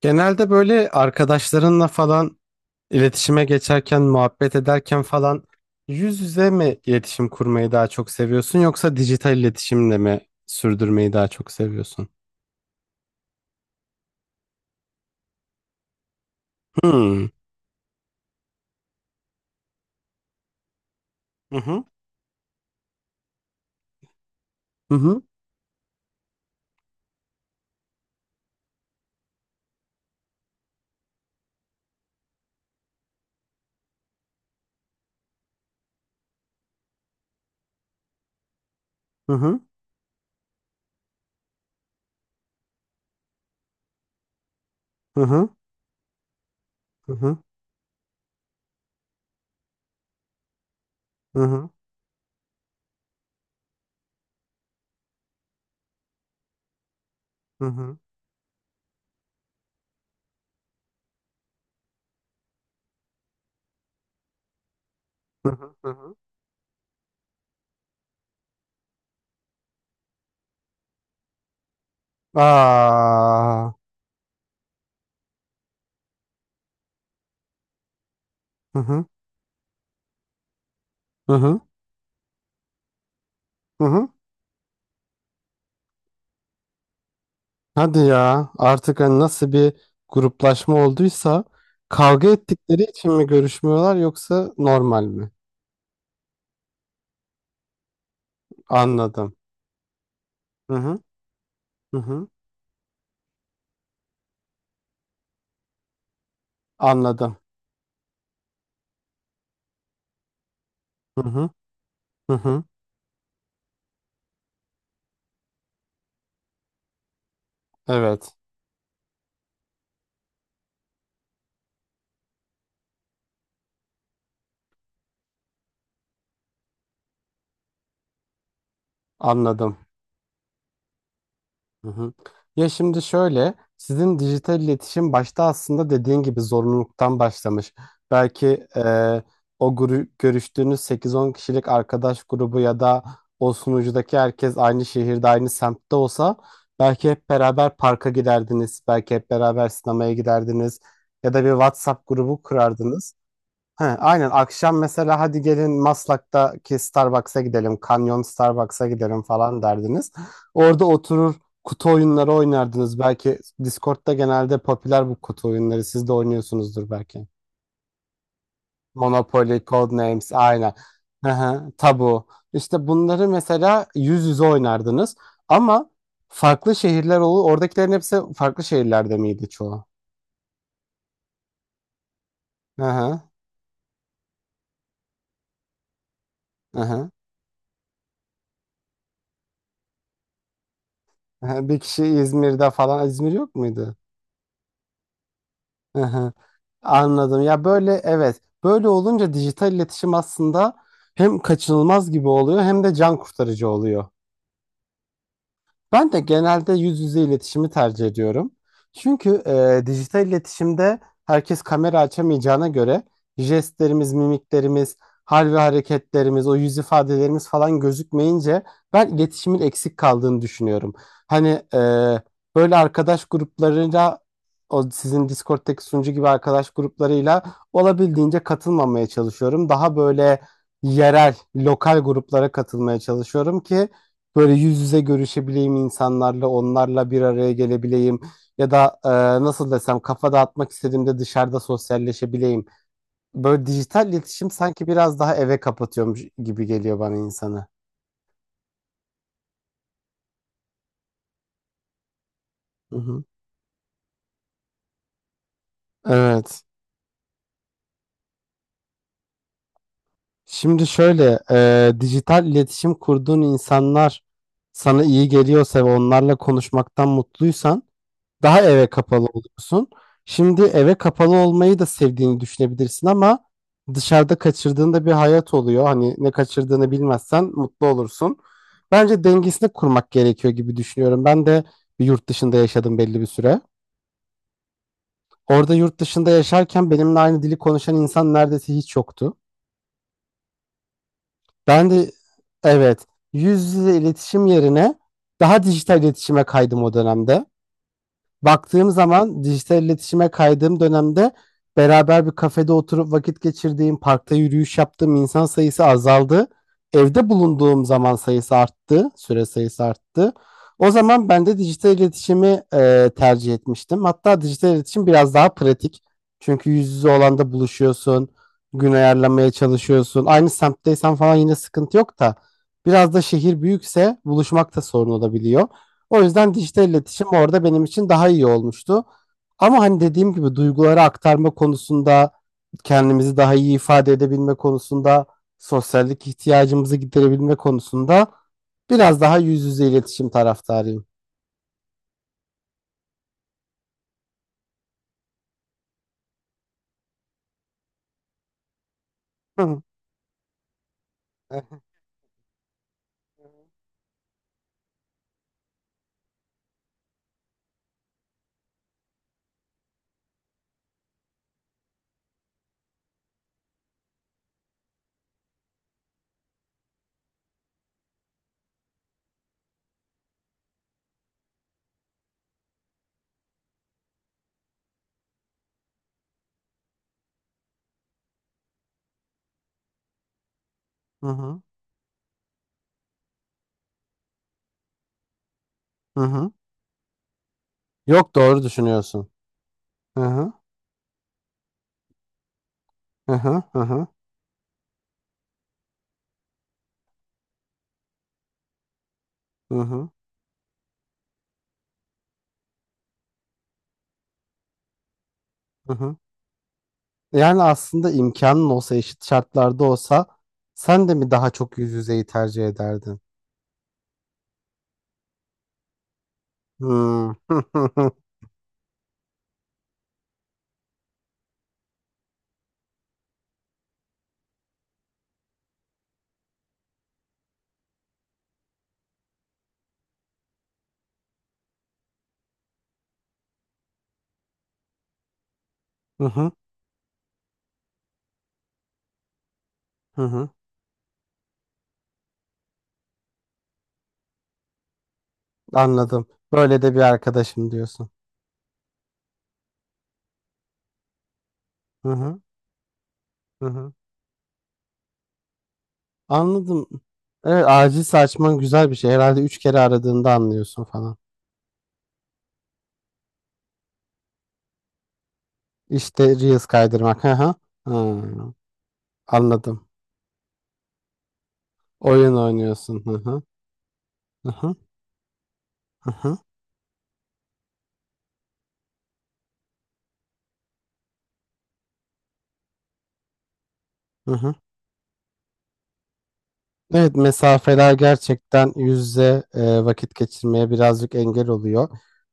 Genelde böyle arkadaşlarınla falan iletişime geçerken, muhabbet ederken falan yüz yüze mi iletişim kurmayı daha çok seviyorsun yoksa dijital iletişimle mi sürdürmeyi daha çok seviyorsun? Hmm. Hı hı. Hı hı. Hı hı. Hı hı. Hı hı. Hı hı. Hı hı. Hı hı. Hı hı. Aa. Hı hı. Hı hı. Hı hı. Hadi ya, artık hani nasıl bir gruplaşma olduysa, kavga ettikleri için mi görüşmüyorlar yoksa normal mi? Anladım. Hı hı. Hı hı. Anladım. Hı hı. Hı hı. Evet. Anladım. Hı hı. Ya şimdi şöyle, sizin dijital iletişim başta aslında dediğin gibi zorunluluktan başlamış. Belki e, görüştüğünüz sekiz on kişilik arkadaş grubu ya da o sunucudaki herkes aynı şehirde, aynı semtte olsa belki hep beraber parka giderdiniz, belki hep beraber sinemaya giderdiniz ya da bir WhatsApp grubu kurardınız. He, aynen akşam mesela hadi gelin Maslak'taki Starbucks'a gidelim, Canyon Starbucks'a gidelim falan derdiniz. Orada oturur kutu oyunları oynardınız. Belki Discord'da genelde popüler bu kutu oyunları. Siz de oynuyorsunuzdur belki. Monopoly, Codenames aynen. Hı hı, Tabu. İşte bunları mesela yüz yüze oynardınız. Ama farklı şehirler olur. Oradakilerin hepsi farklı şehirlerde miydi çoğu? Hı hı, hı hı. Hı hı. Bir kişi İzmir'de falan. İzmir yok muydu? Hı hı. Anladım. Ya böyle evet. Böyle olunca dijital iletişim aslında hem kaçınılmaz gibi oluyor hem de can kurtarıcı oluyor. Ben de genelde yüz yüze iletişimi tercih ediyorum. Çünkü dijital iletişimde herkes kamera açamayacağına göre jestlerimiz, mimiklerimiz, hal ve hareketlerimiz, o yüz ifadelerimiz falan gözükmeyince ben iletişimin eksik kaldığını düşünüyorum. Hani e, böyle arkadaş gruplarıyla, o sizin Discord'daki sunucu gibi arkadaş gruplarıyla olabildiğince katılmamaya çalışıyorum. Daha böyle yerel, lokal gruplara katılmaya çalışıyorum ki böyle yüz yüze görüşebileyim insanlarla, onlarla bir araya gelebileyim ya da nasıl desem kafa dağıtmak istediğimde dışarıda sosyalleşebileyim. Böyle dijital iletişim sanki biraz daha eve kapatıyormuş gibi geliyor bana insanı. Hı hı. Evet. Şimdi şöyle, dijital iletişim kurduğun insanlar sana iyi geliyorsa ve onlarla konuşmaktan mutluysan daha eve kapalı oluyorsun. Şimdi eve kapalı olmayı da sevdiğini düşünebilirsin ama dışarıda kaçırdığında bir hayat oluyor. Hani ne kaçırdığını bilmezsen mutlu olursun. Bence dengesini kurmak gerekiyor gibi düşünüyorum. Ben de bir yurt dışında yaşadım belli bir süre. Orada yurt dışında yaşarken benimle aynı dili konuşan insan neredeyse hiç yoktu. Ben de evet, yüz yüze iletişim yerine daha dijital iletişime kaydım o dönemde. Baktığım zaman dijital iletişime kaydığım dönemde beraber bir kafede oturup vakit geçirdiğim, parkta yürüyüş yaptığım insan sayısı azaldı. Evde bulunduğum zaman sayısı arttı, süre sayısı arttı. O zaman ben de dijital iletişimi tercih etmiştim. Hatta dijital iletişim biraz daha pratik. Çünkü yüz yüze olan da buluşuyorsun, gün ayarlamaya çalışıyorsun. Aynı semtteysen falan yine sıkıntı yok da biraz da şehir büyükse buluşmak da sorun olabiliyor. O yüzden dijital iletişim orada benim için daha iyi olmuştu. Ama hani dediğim gibi duyguları aktarma konusunda, kendimizi daha iyi ifade edebilme konusunda, sosyallik ihtiyacımızı giderebilme konusunda biraz daha yüz yüze iletişim taraftarıyım. Hı hı. Hı hı. Hı. Yok, doğru düşünüyorsun. Hı hı. Hı hı. Hı hı. Hı hı. Hı hı. Yani aslında imkanın olsa, eşit şartlarda olsa sen de mi daha çok yüz yüzeyi tercih ederdin? Hmm. Hı hı. Anladım. Böyle de bir arkadaşım diyorsun. Hı hı. Hı hı. Anladım. Evet, acil açman güzel bir şey. Herhalde üç kere aradığında anlıyorsun falan. İşte Reels kaydırmak. Hı hı. Hı. Anladım. Oyun oynuyorsun. Hı hı. Hı hı. Hı hı. Hı hı. Evet, mesafeler gerçekten yüz yüze vakit geçirmeye birazcık engel oluyor.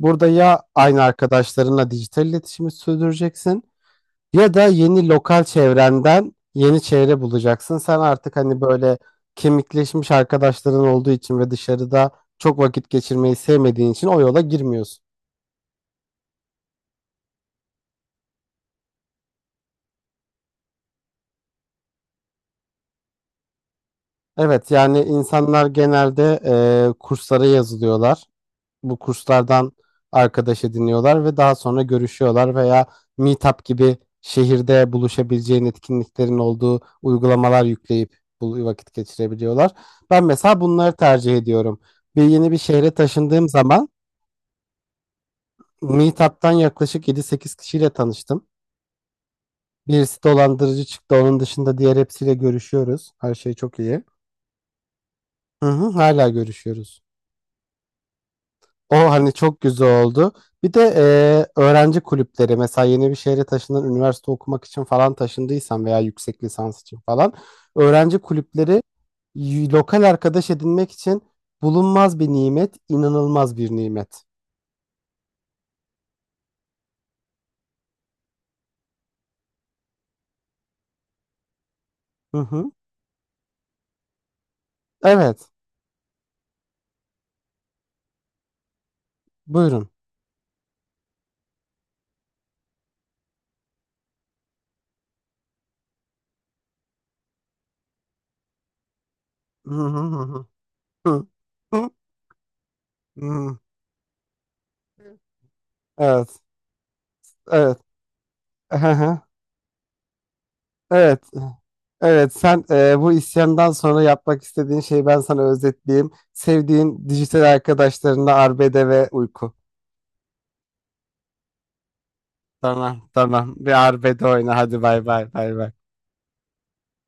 Burada ya aynı arkadaşlarınla dijital iletişimi sürdüreceksin, ya da yeni lokal çevrenden yeni çevre bulacaksın. Sen artık hani böyle kemikleşmiş arkadaşların olduğu için ve dışarıda çok vakit geçirmeyi sevmediğin için o yola girmiyorsun. Evet, yani insanlar genelde kurslara yazılıyorlar. Bu kurslardan arkadaş ediniyorlar ve daha sonra görüşüyorlar, veya Meetup gibi şehirde buluşabileceğin etkinliklerin olduğu uygulamalar yükleyip bu vakit geçirebiliyorlar. Ben mesela bunları tercih ediyorum. Bir yeni bir şehre taşındığım zaman Meetup'tan yaklaşık yedi sekiz kişiyle tanıştım. Birisi dolandırıcı çıktı. Onun dışında diğer hepsiyle görüşüyoruz. Her şey çok iyi. Hı hı, hala görüşüyoruz. O hani çok güzel oldu. Bir de öğrenci kulüpleri, mesela yeni bir şehre taşınan üniversite okumak için falan taşındıysan veya yüksek lisans için falan, öğrenci kulüpleri lokal arkadaş edinmek için bulunmaz bir nimet, inanılmaz bir nimet. Hı hı. Evet, buyurun. Hı hı hı hı. Hı. Hı. Hı. Evet, evet. Hı hı. Evet. Evet, sen bu isyandan sonra yapmak istediğin şeyi ben sana özetleyeyim. Sevdiğin dijital arkadaşlarınla arbede ve uyku. Tamam, tamam. Bir arbede oyna. Hadi bay bay bay bay.